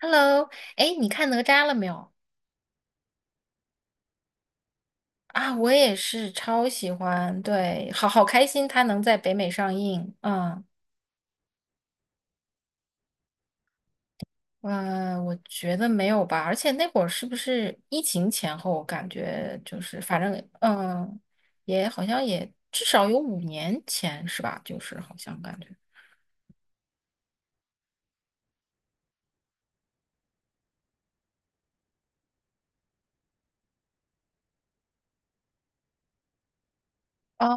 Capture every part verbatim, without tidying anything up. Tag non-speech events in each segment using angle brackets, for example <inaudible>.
Hello，哎，你看哪吒了没有？啊，我也是超喜欢，对，好好开心，他能在北美上映。嗯，呃，我觉得没有吧，而且那会儿是不是疫情前后？我感觉就是，反正嗯，也好像也至少有五年前是吧？就是好像感觉。哦，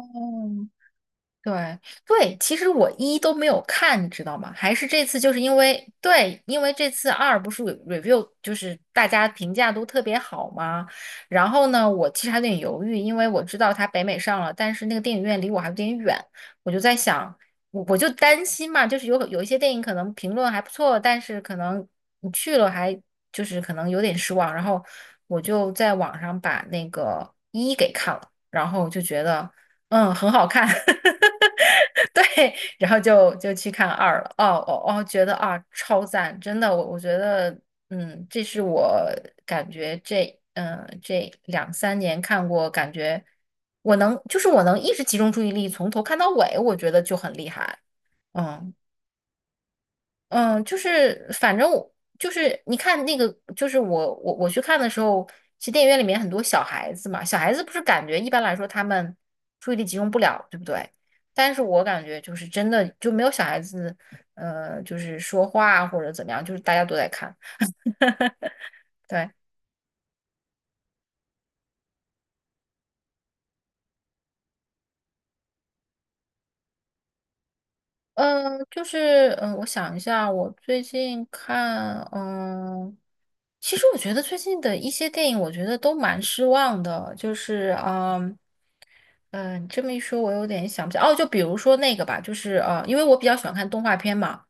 对对，其实我一都没有看，你知道吗？还是这次就是因为对，因为这次二不是 re- v i e w 就是大家评价都特别好嘛。然后呢，我其实还有点犹豫，因为我知道它北美上了，但是那个电影院离我还有点远，我就在想，我我就担心嘛，就是有有一些电影可能评论还不错，但是可能你去了还就是可能有点失望。然后我就在网上把那个一给看了，然后就觉得嗯很好看。<laughs> 对，然后就就去看二了。哦哦哦，觉得啊超赞，真的，我我觉得，嗯，这是我感觉这嗯、呃这两三年看过，感觉我能就是我能一直集中注意力从头看到尾，我觉得就很厉害。嗯嗯，就是反正我就是你看那个，就是我我我去看的时候，其实电影院里面很多小孩子嘛，小孩子不是感觉一般来说他们注意力集中不了，对不对？但是我感觉就是真的就没有小孩子，呃，就是说话或者怎么样，就是大家都在看。对，嗯、就是嗯、呃我想一下，我最近看，嗯、其实我觉得最近的一些电影，我觉得都蛮失望的，就是嗯。嗯，你这么一说，我有点想不起来。哦，就比如说那个吧，就是呃，因为我比较喜欢看动画片嘛，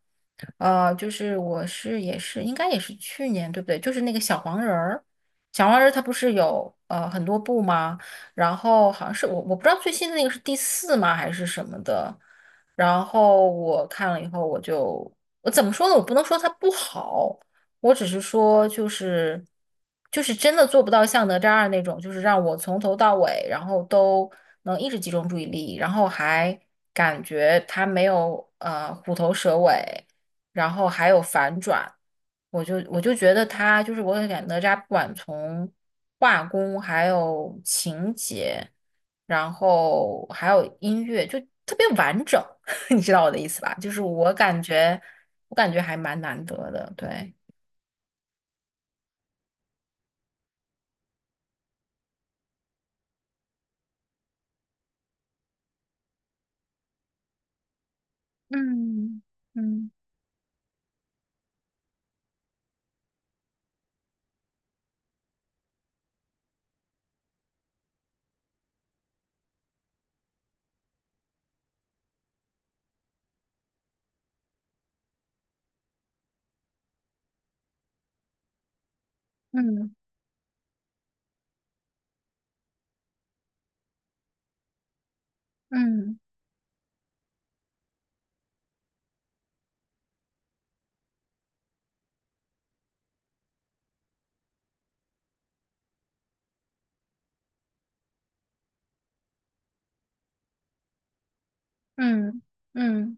呃，就是我是也是应该也是去年对不对？就是那个小黄人儿，小黄人儿它不是有呃很多部吗？然后好像是我我不知道最新的那个是第四吗还是什么的。然后我看了以后，我就我怎么说呢？我不能说它不好，我只是说就是就是真的做不到像哪吒二那种，就是让我从头到尾，然后都能一直集中注意力，然后还感觉它没有呃虎头蛇尾。然后还有反转，我就我就觉得他就是我感觉哪吒不管从画工还有情节，然后还有音乐，就特别完整，<laughs> 你知道我的意思吧？就是我感觉我感觉还蛮难得的，对。嗯嗯嗯嗯嗯嗯，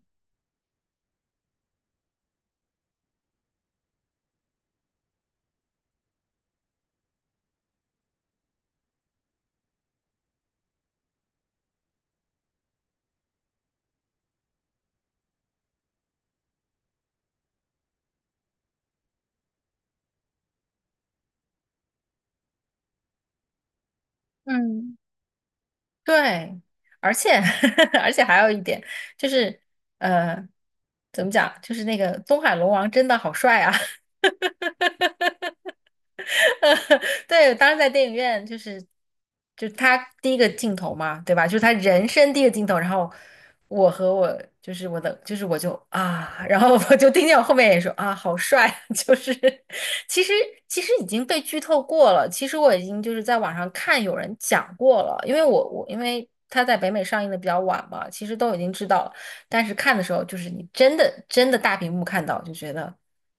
对，而且 <laughs> 而且还有一点就是，呃，怎么讲？就是那个东海龙王真的好帅啊！<laughs> 对，当时在电影院就是就他第一个镜头嘛，对吧？就是他人生第一个镜头，然后我和我就是我的就是我就啊，然后我就听见我后面也说啊，好帅啊，<laughs> 就是其实其实已经被剧透过了，其实我已经就是在网上看有人讲过了，因为我我因为他在北美上映的比较晚嘛，其实都已经知道了，但是看的时候就是你真的真的大屏幕看到就觉得。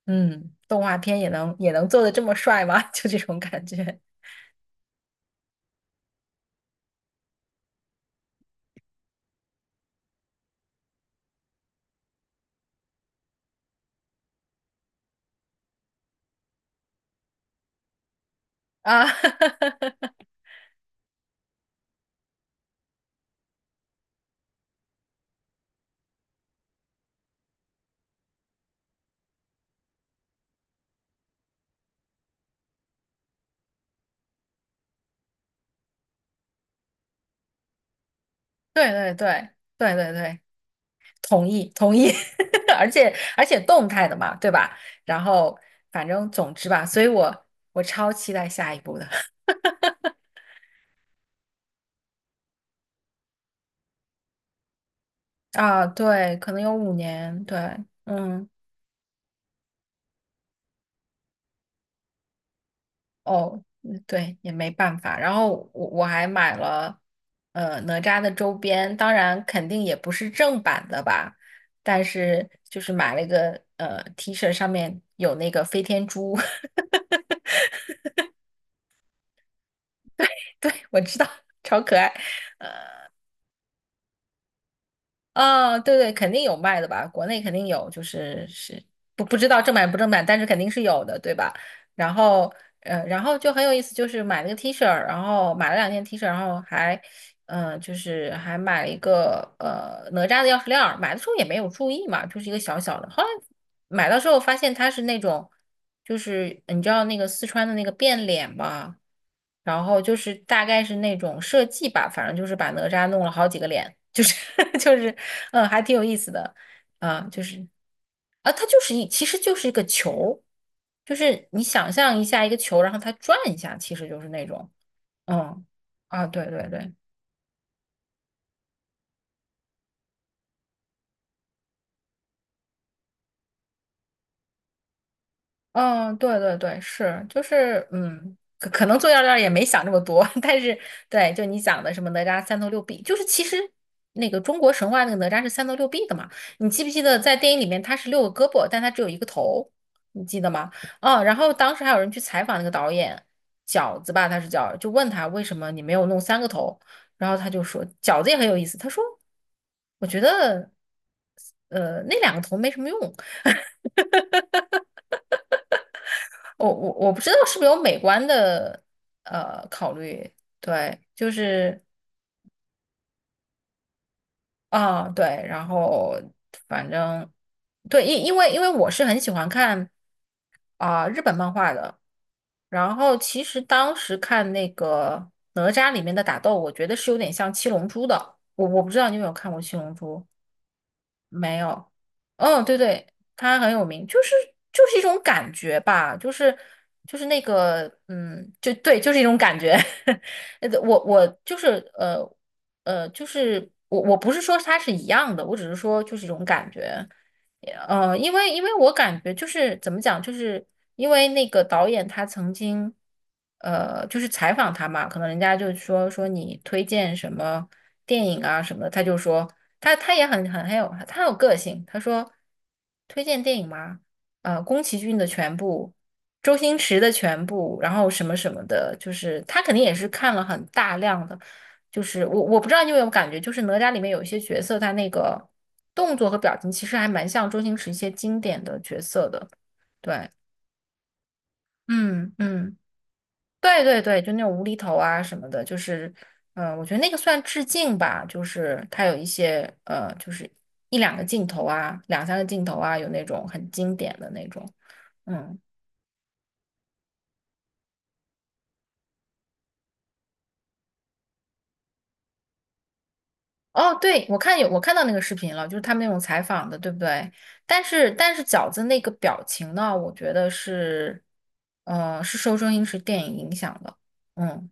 嗯，动画片也能也能做的这么帅吗？<laughs> 就这种感觉啊，<laughs> 对对对对对对，同意同意，<laughs> 而且而且动态的嘛，对吧？然后反正总之吧，所以我我超期待下一部的 <laughs> 啊，对，可能有五年，对，嗯。哦，嗯对，也没办法。然后我我还买了呃哪吒的周边，当然肯定也不是正版的吧，但是就是买了一个呃 T 恤，上面有那个飞天猪，<laughs> 对，我知道，超可爱。啊、对对，肯定有卖的吧，国内肯定有，就是是不不知道正版不正版，但是肯定是有的，对吧？然后，呃，然后就很有意思，就是买了个 T 恤儿，然后买了两件 T 恤然后还嗯，就是还买了一个呃哪吒的钥匙链儿，买的时候也没有注意嘛，就是一个小小的。后来买到之后发现它是那种，就是你知道那个四川的那个变脸吧，然后就是大概是那种设计吧，反正就是把哪吒弄了好几个脸，就是 <laughs> 就是嗯，还挺有意思的啊，就是啊，它就是一其实就是一个球，就是你想象一下一个球，然后它转一下，其实就是那种。嗯啊，对对对。嗯，对对对，是，就是，嗯，可可能做药料也没想这么多，<laughs> 但是对，就你讲的什么哪吒三头六臂，就是其实那个中国神话那个哪吒是三头六臂的嘛，你记不记得在电影里面他是六个胳膊，但他只有一个头，你记得吗？啊，然后当时还有人去采访那个导演饺子吧，他是叫，就问他为什么你没有弄三个头，然后他就说饺子也很有意思，他说我觉得呃那两个头没什么用，我我我不知道是不是有美观的呃考虑，对，就是啊对，然后反正对，因因为因为我是很喜欢看啊、日本漫画的，然后其实当时看那个哪吒里面的打斗，我觉得是有点像七龙珠的，我我不知道你有没有看过七龙珠。没有，嗯，对对，它很有名，就是就是一种感觉吧，就是就是那个，嗯，就对，就是一种感觉。<laughs> 呃我我就是呃呃，就是我我不是说它是一样的，我只是说就是一种感觉。呃，因为因为我感觉就是怎么讲，就是因为那个导演他曾经，呃，就是采访他嘛，可能人家就说说你推荐什么电影啊什么的，他就说他他也很很很有他很有个性，他说推荐电影吗？呃，宫崎骏的全部，周星驰的全部，然后什么什么的，就是他肯定也是看了很大量的。就是我我不知道你有没有感觉，就是哪吒里面有一些角色，他那个动作和表情其实还蛮像周星驰一些经典的角色的。对，嗯嗯，对对对，就那种无厘头啊什么的，就是，嗯、我觉得那个算致敬吧，就是他有一些呃，就是一两个镜头啊，两三个镜头啊，有那种很经典的那种，嗯。哦，对，我看有，我看到那个视频了，就是他们那种采访的，对不对？但是但是饺子那个表情呢，我觉得是，呃，是受中英式电影影响的。嗯，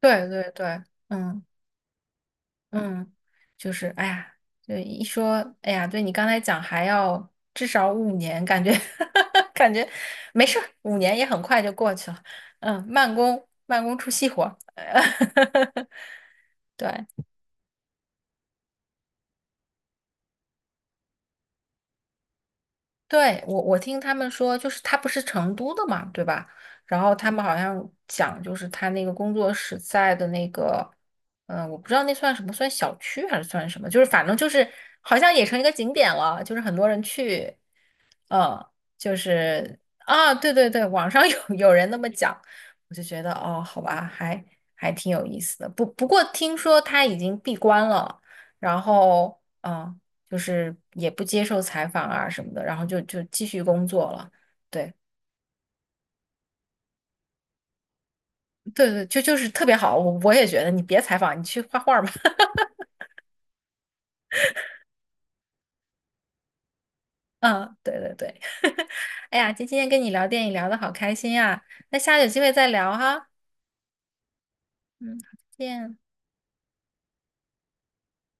对对对，嗯嗯，就是哎呀，就一说，哎呀，对你刚才讲还要至少五年，感觉 <laughs> 感觉没事儿，五年也很快就过去了。嗯，慢工慢工出细活儿。<laughs> 对。对，我我听他们说，就是他不是成都的嘛，对吧？然后他们好像讲，就是他那个工作室在的那个，嗯、我不知道那算什么，算小区还是算什么？就是反正就是好像也成一个景点了，就是很多人去。嗯，就是啊，对对对，网上有有人那么讲，我就觉得哦，好吧，还还挺有意思的。不不过听说他已经闭关了，然后嗯，就是也不接受采访啊什么的，然后就就继续工作了。对对对，就就是特别好，我我也觉得你别采访，你去画画吧。<laughs> 嗯，对对对，哎呀，今天跟你聊电影聊得好开心呀，那下次有机会再聊哈。嗯，好再见。